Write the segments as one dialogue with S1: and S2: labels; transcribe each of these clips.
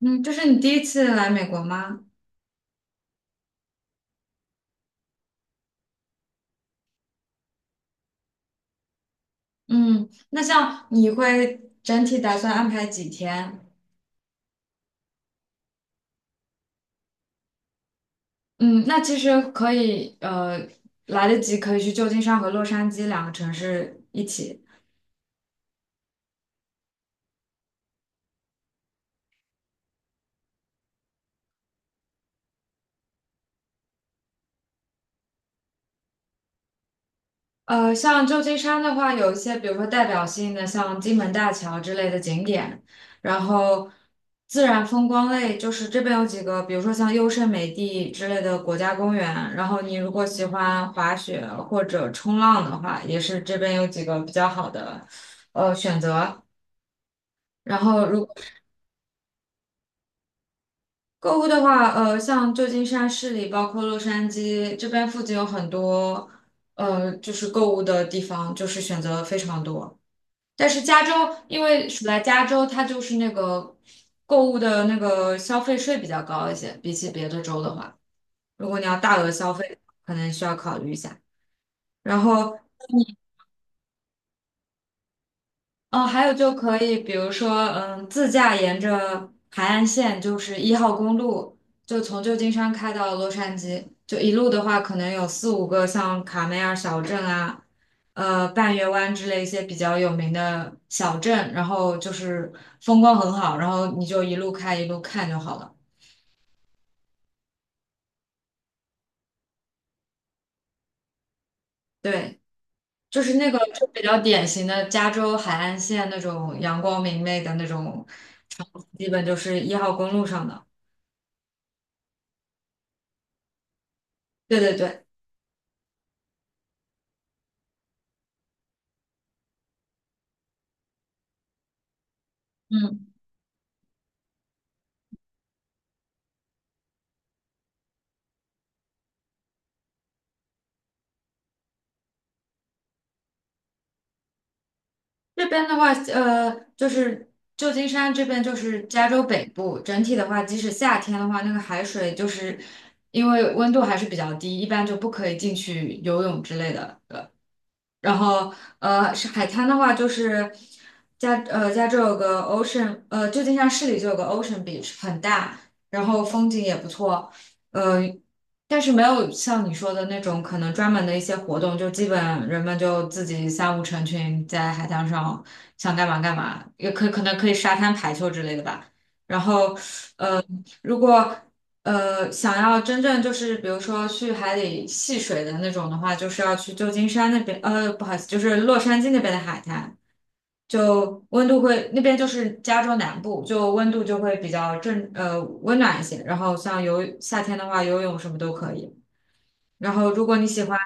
S1: 嗯，这是你第一次来美国吗？嗯，那像你会整体打算安排几天？嗯，那其实可以，来得及可以去旧金山和洛杉矶两个城市一起。像旧金山的话，有一些比如说代表性的，像金门大桥之类的景点，然后自然风光类，就是这边有几个，比如说像优胜美地之类的国家公园，然后你如果喜欢滑雪或者冲浪的话，也是这边有几个比较好的选择。然后如果购物的话，像旧金山市里，包括洛杉矶这边附近有很多就是购物的地方，就是选择非常多。但是加州，因为属在加州，它就是那个购物的那个消费税比较高一些，比起别的州的话，如果你要大额消费，可能需要考虑一下。然后哦，还有就可以，比如说，自驾沿着海岸线，就是一号公路，就从旧金山开到洛杉矶，就一路的话，可能有四五个像卡梅尔小镇啊，半月湾之类一些比较有名的小镇，然后就是风光很好，然后你就一路开一路看就好了。对，就是那个就比较典型的加州海岸线那种阳光明媚的那种场景基本就是一号公路上的。对对对。嗯。这边的话，就是旧金山这边就是加州北部，整体的话，即使夏天的话，那个海水就是因为温度还是比较低，一般就不可以进去游泳之类的。然后是海滩的话就是加州有个 Ocean，旧金山市里就有个 Ocean Beach，很大，然后风景也不错，呃，但是没有像你说的那种可能专门的一些活动，就基本人们就自己三五成群在海滩上想干嘛干嘛，也可能可以沙滩排球之类的吧。然后如果想要真正就是比如说去海里戏水的那种的话，就是要去旧金山那边，不好意思，就是洛杉矶那边的海滩，就温度会那边就是加州南部，就温度就会比较温暖一些。然后像夏天的话，游泳什么都可以。然后如果你喜欢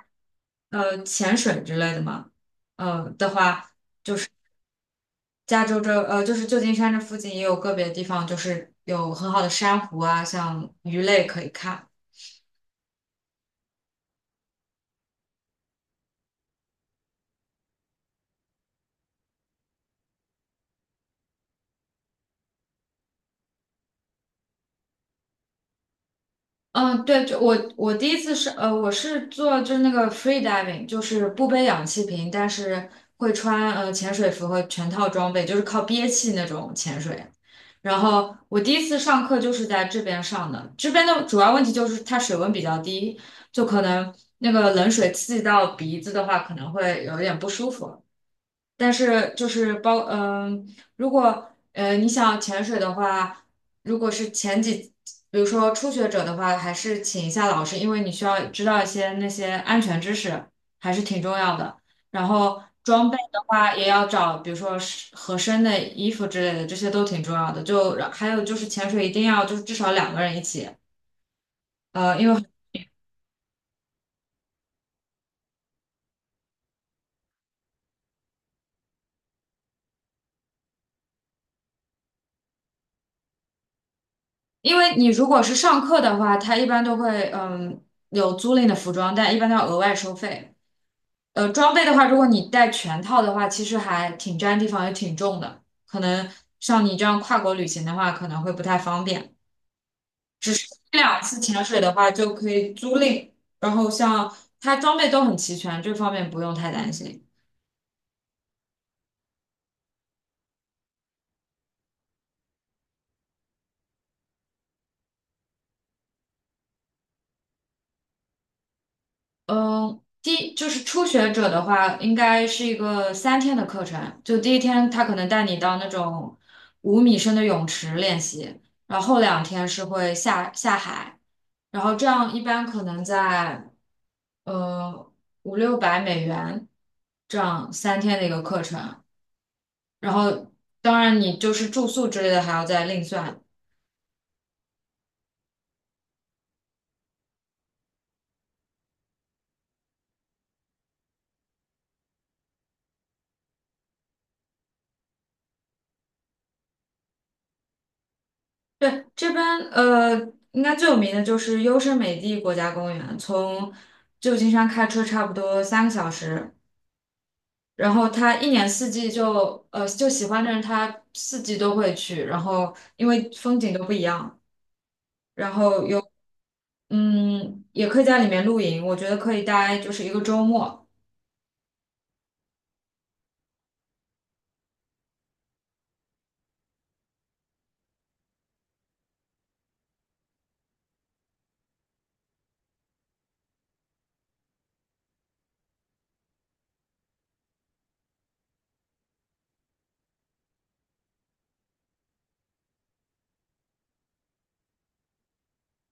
S1: 潜水之类的嘛，呃的话，加州就是旧金山这附近也有个别地方就是有很好的珊瑚啊，像鱼类可以看。嗯，对，就我第一次我是做就是那个 free diving，就是不背氧气瓶，但是会穿潜水服和全套装备，就是靠憋气那种潜水。然后我第一次上课就是在这边上的，这边的主要问题就是它水温比较低，就可能那个冷水刺激到鼻子的话，可能会有一点不舒服。但是就是如果你想潜水的话，如果是前几，比如说初学者的话，还是请一下老师，因为你需要知道一些那些安全知识，还是挺重要的。然后装备的话，也要找，比如说是合身的衣服之类的，这些都挺重要的。就还有就是潜水一定要就是至少两个人一起。呃，因为因为你如果是上课的话，他一般都会有租赁的服装，但一般都要额外收费。装备的话，如果你带全套的话，其实还挺占地方，也挺重的。可能像你这样跨国旅行的话，可能会不太方便。这两次潜水的话，就可以租赁，然后像它装备都很齐全，这方面不用太担心。嗯，就是初学者的话，应该是一个三天的课程。就第一天，他可能带你到那种5米深的泳池练习，然后后两天是会下海，然后这样一般可能在呃五六百美元这样三天的一个课程。然后当然你就是住宿之类的还要再另算，对，这边呃，应该最有名的就是优胜美地国家公园，从旧金山开车差不多3个小时。然后他一年四季就就喜欢的人他四季都会去，然后因为风景都不一样，然后也可以在里面露营，我觉得可以待就是一个周末。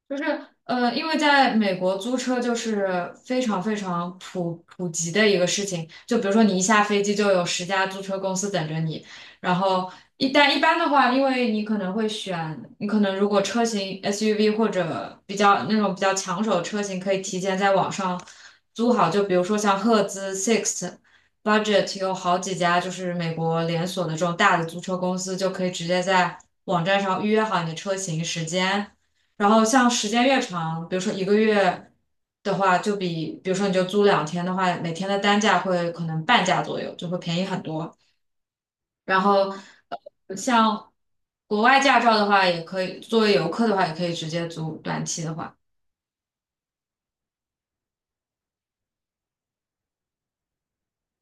S1: 就是因为在美国租车就是非常非常普及的一个事情。就比如说你一下飞机就有10家租车公司等着你，然后一般的话，因为你可能会选，你可能如果车型 SUV 或者比较那种比较抢手的车型，可以提前在网上租好。就比如说像赫兹、s i x Budget 有好几家就是美国连锁的这种大的租车公司，就可以直接在网站上预约好你的车型时间。然后像时间越长，比如说1个月的话，就比如说你就租两天的话，每天的单价会可能半价左右，就会便宜很多。然后像国外驾照的话，也可以作为游客的话，也可以直接租短期的话，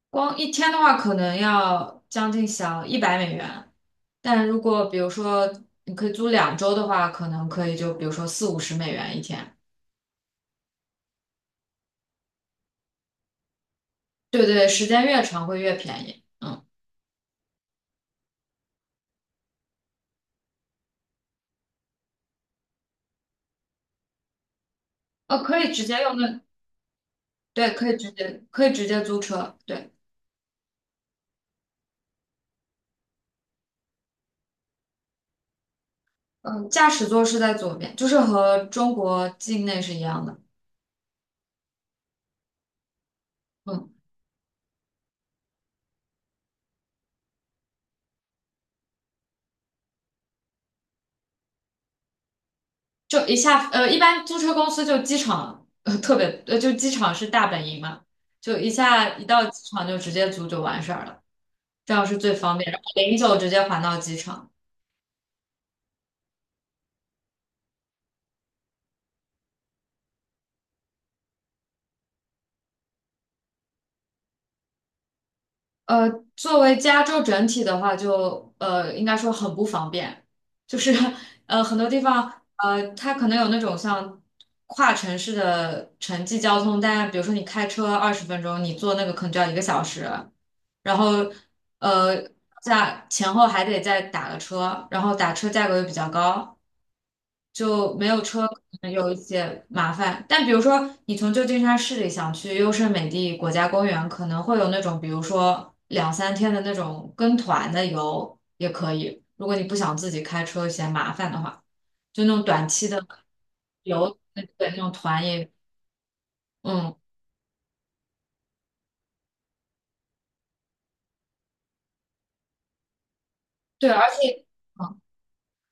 S1: 光一天的话可能要将近小一百美元。但如果比如说你可以租两周的话，可能可以就比如说四五十美元一天。对对，时间越长会越便宜。嗯，可以直接用那对，可以直接租车，对，嗯，驾驶座是在左边，就是和中国境内是一样的，嗯，就一下，一般租车公司就机场，特别，就机场是大本营嘛，就一到机场就直接租就完事儿了，这样是最方便，然后零九直接还到机场。呃，作为加州整体的话就，应该说很不方便，就是很多地方它可能有那种像跨城市的城际交通，但比如说你开车20分钟，你坐那个可能就要一个小时。然后呃前后还得再打个车，然后打车价格又比较高，就没有车可能有一些麻烦。但比如说你从旧金山市里想去优胜美地国家公园，可能会有那种比如说两三天的那种跟团的游也可以，如果你不想自己开车嫌麻烦的话，就那种短期的游，对那种团也嗯对，而且。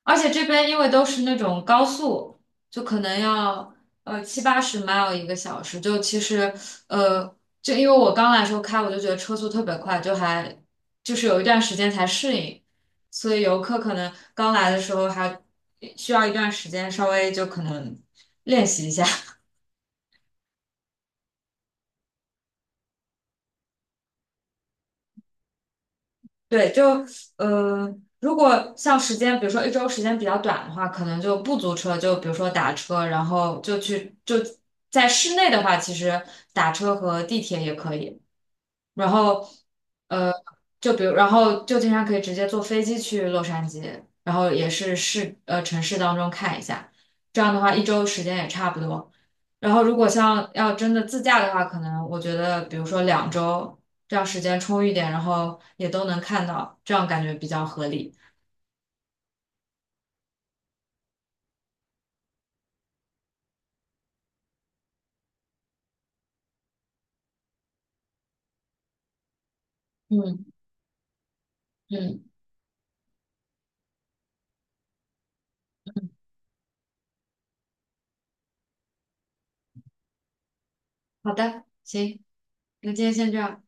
S1: 而且这边因为都是那种高速，就可能要七八十 mile 一个小时，就其实呃，就因为我刚来的时候开，我就觉得车速特别快，就还就是有一段时间才适应，所以游客可能刚来的时候还需要一段时间稍微就可能练习一下。对，就呃，如果像时间，比如说一周时间比较短的话，可能就不租车，就比如说打车，然后就去就在室内的话，其实打车和地铁也可以。然后呃，就比如，然后就经常可以直接坐飞机去洛杉矶，然后也是城市当中看一下，这样的话一周时间也差不多。然后如果像要真的自驾的话，可能我觉得比如说两周，这样时间充裕点，然后也都能看到，这样感觉比较合理。嗯嗯，好的，行，那今天先这样。